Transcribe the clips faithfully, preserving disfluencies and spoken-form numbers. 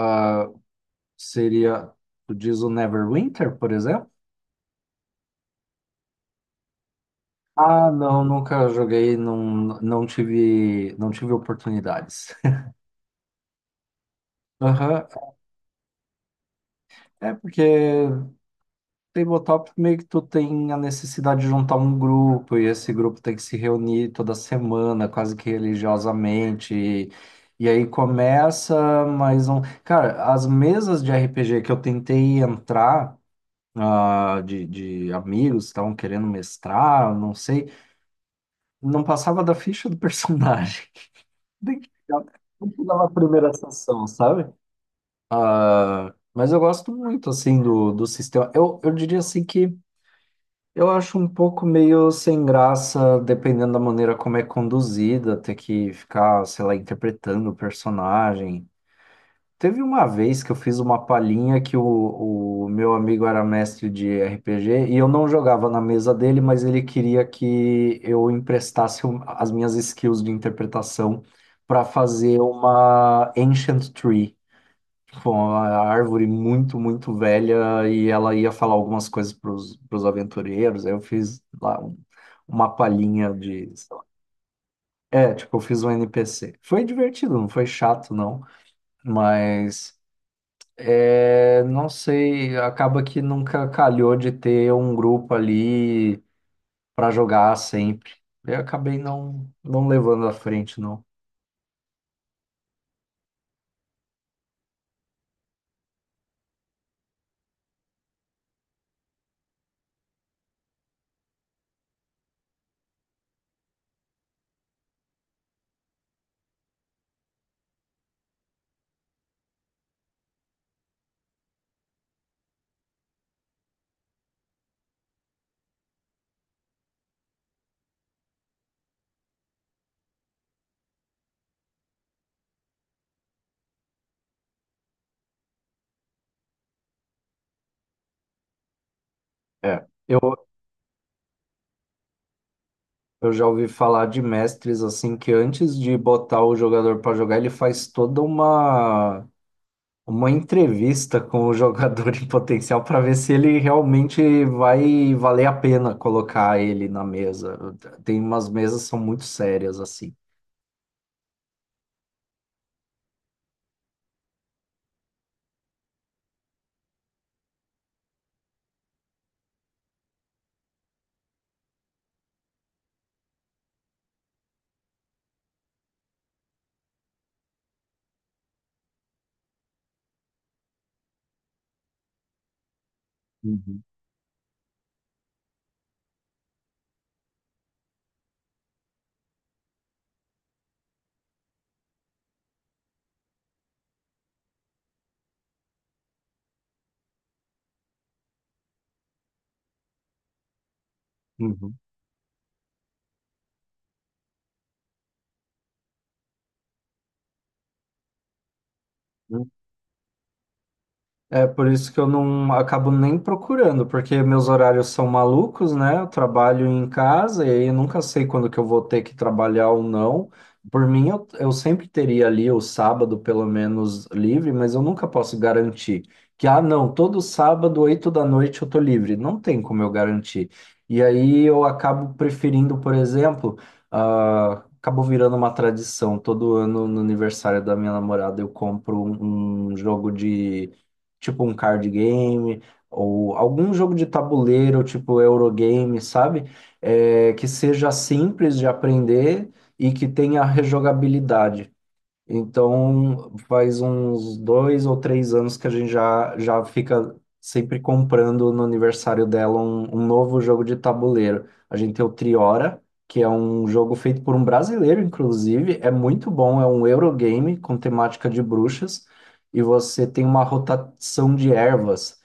Ah, seria, tu diz o Neverwinter, por exemplo? Ah, não, nunca joguei, não, não tive, não tive oportunidades. Aham. É porque tabletop meio que tu tem a necessidade de juntar um grupo e esse grupo tem que se reunir toda semana, quase que religiosamente. E, e aí começa mais um. Cara, as mesas de R P G que eu tentei entrar, ah, de, de amigos que estavam querendo mestrar, não sei, não passava da ficha do personagem. Tem que pegar- Tem que dar primeira sessão, sabe? Ah, mas eu gosto muito, assim, do, do sistema. Eu, eu diria, assim, que eu acho um pouco meio sem graça, dependendo da maneira como é conduzida, ter que ficar, sei lá, interpretando o personagem. Teve uma vez que eu fiz uma palhinha que o, o meu amigo era mestre de R P G e eu não jogava na mesa dele, mas ele queria que eu emprestasse um- as minhas skills de interpretação para fazer uma Ancient Tree, tipo, uma árvore muito, muito velha e ela ia falar algumas coisas para os aventureiros. Aí eu fiz lá um- uma palhinha de. É, tipo, eu fiz um N P C. Foi divertido, não foi chato, não, mas. É, não sei, acaba que nunca calhou de ter um grupo ali para jogar sempre. Eu acabei não, não levando à frente, não. É, eu, eu, já ouvi falar de mestres assim que antes de botar o jogador para jogar, ele faz toda uma, uma entrevista com o jogador em potencial para ver se ele realmente vai valer a pena colocar ele na mesa. Tem umas mesas que são muito sérias assim. Uhum, uhum. É por isso que eu não acabo nem procurando, porque meus horários são malucos, né? Eu trabalho em casa e aí eu nunca sei quando que eu vou ter que trabalhar ou não. Por mim, eu, eu sempre teria ali o sábado, pelo menos, livre, mas eu nunca posso garantir que, ah, não, todo sábado, oito da noite, eu tô livre. Não tem como eu garantir. E aí eu acabo preferindo, por exemplo, ah, acabou virando uma tradição. Todo ano, no aniversário da minha namorada, eu compro um um jogo de tipo um card game ou algum jogo de tabuleiro, tipo Eurogame, sabe? É, que seja simples de aprender e que tenha rejogabilidade. Então, faz uns dois ou três anos que a gente já, já fica sempre comprando no aniversário dela um, um novo jogo de tabuleiro. A gente tem o Triora, que é um jogo feito por um brasileiro, inclusive. É muito bom, é um Eurogame com temática de bruxas. E você tem uma rotação de ervas.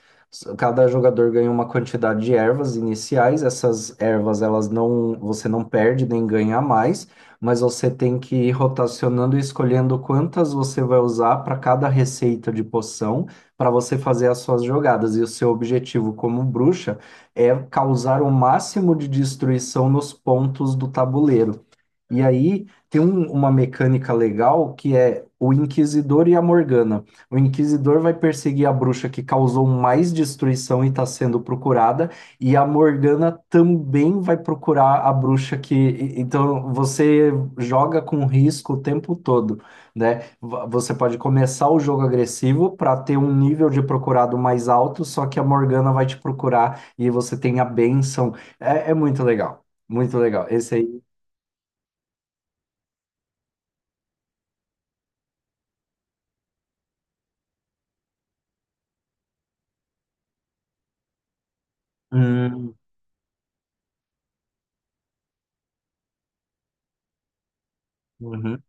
Cada jogador ganha uma quantidade de ervas iniciais. Essas ervas, elas não, você não perde nem ganha a mais, mas você tem que ir rotacionando e escolhendo quantas você vai usar para cada receita de poção para você fazer as suas jogadas. E o seu objetivo como bruxa é causar o máximo de destruição nos pontos do tabuleiro. E aí tem um- uma mecânica legal que é o Inquisidor e a Morgana. O Inquisidor vai perseguir a bruxa que causou mais destruição e está sendo procurada, e a Morgana também vai procurar a bruxa que. e- Então você joga com risco o tempo todo, né? Va- Você pode começar o jogo agressivo para ter um nível de procurado mais alto, só que a Morgana vai te procurar e você tem a bênção. É, é muito legal, muito legal. Esse aí. Hum. Uhum,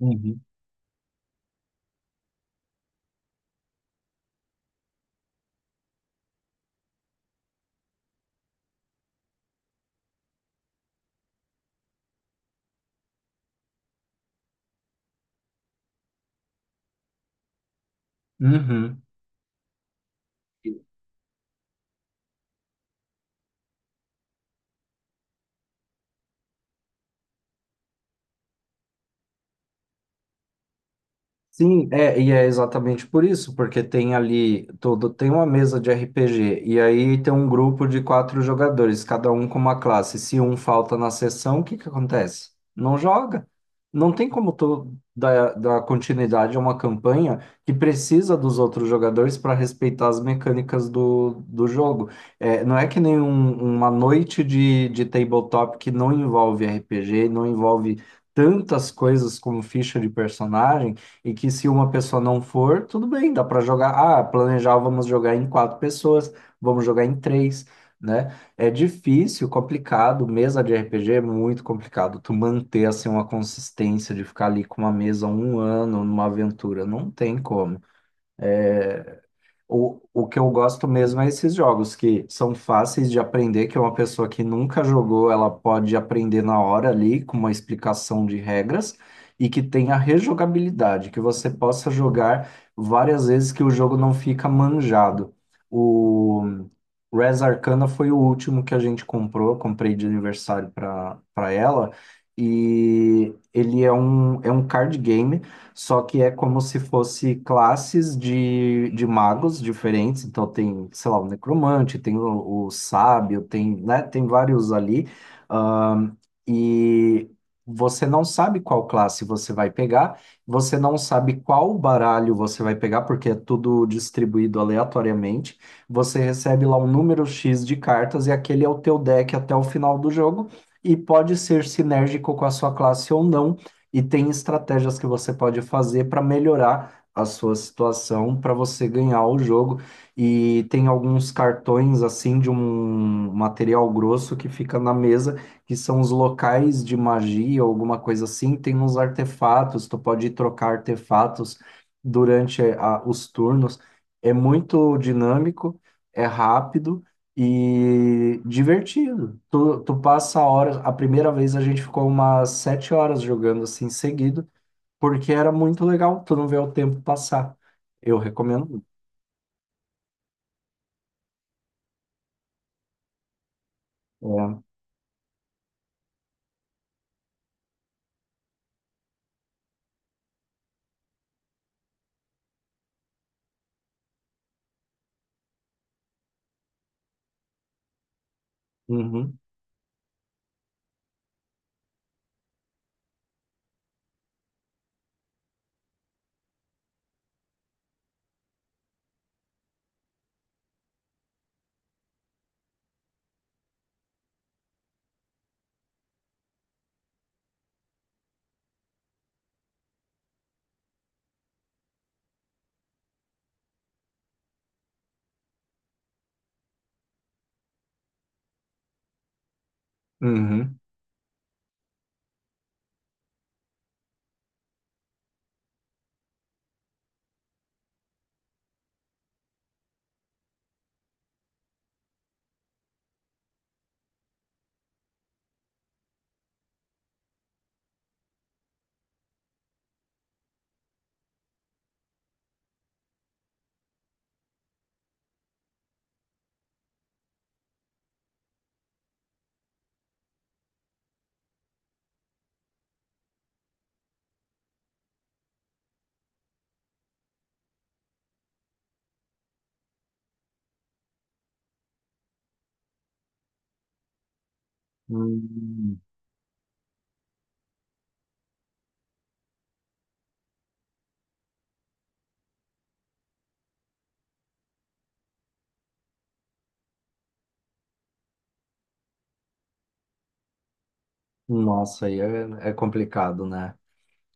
uhum, uhum. Sim, é, e é exatamente por isso, porque tem ali todo, tem uma mesa de R P G, e aí tem um grupo de quatro jogadores, cada um com uma classe. Se um falta na sessão, o que que acontece? Não joga. Não tem como tu dar, dar continuidade a uma campanha que precisa dos outros jogadores para respeitar as mecânicas do, do jogo. É, não é que nem um- uma noite de, de tabletop que não envolve R P G, não envolve tantas coisas como ficha de personagem e que se uma pessoa não for, tudo bem, dá para jogar. Ah, planejar, vamos jogar em quatro pessoas, vamos jogar em três, né? É difícil, complicado. Mesa de R P G é muito complicado. Tu manter assim uma consistência de ficar ali com uma mesa um ano numa aventura, não tem como. É, o, o, que eu gosto mesmo é esses jogos que são fáceis de aprender, que uma pessoa que nunca jogou, ela pode aprender na hora ali, com uma explicação de regras, e que tenha rejogabilidade, que você possa jogar várias vezes que o jogo não fica manjado. O Res Arcana foi o último que a gente comprou, eu comprei de aniversário para para ela, e ele é um, é um card game só que é como se fosse classes de, de magos diferentes. Então tem, sei lá, o necromante, tem o, o sábio, tem, né, tem vários ali. Ahn, e você não sabe qual classe você vai pegar, você não sabe qual baralho você vai pegar, porque é tudo distribuído aleatoriamente. Você recebe lá um número X de cartas e aquele é o teu deck até o final do jogo. E pode ser sinérgico com a sua classe ou não e tem estratégias que você pode fazer para melhorar a sua situação, para você ganhar o jogo. E tem alguns cartões assim de um material grosso que fica na mesa, que são os locais de magia, alguma coisa assim. Tem uns artefatos, tu pode trocar artefatos durante a- os turnos. É muito dinâmico, é rápido. E divertido. Tu, tu passa a hora. A primeira vez a gente ficou umas sete horas jogando assim seguido, porque era muito legal. Tu não vê o tempo passar. Eu recomendo. É. Uhum, uhum. Hum, nossa, aí é, é complicado, né?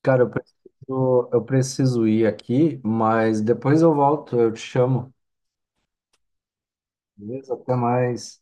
Cara, eu preciso, eu preciso ir aqui, mas depois eu volto, eu te chamo. Beleza? Até mais.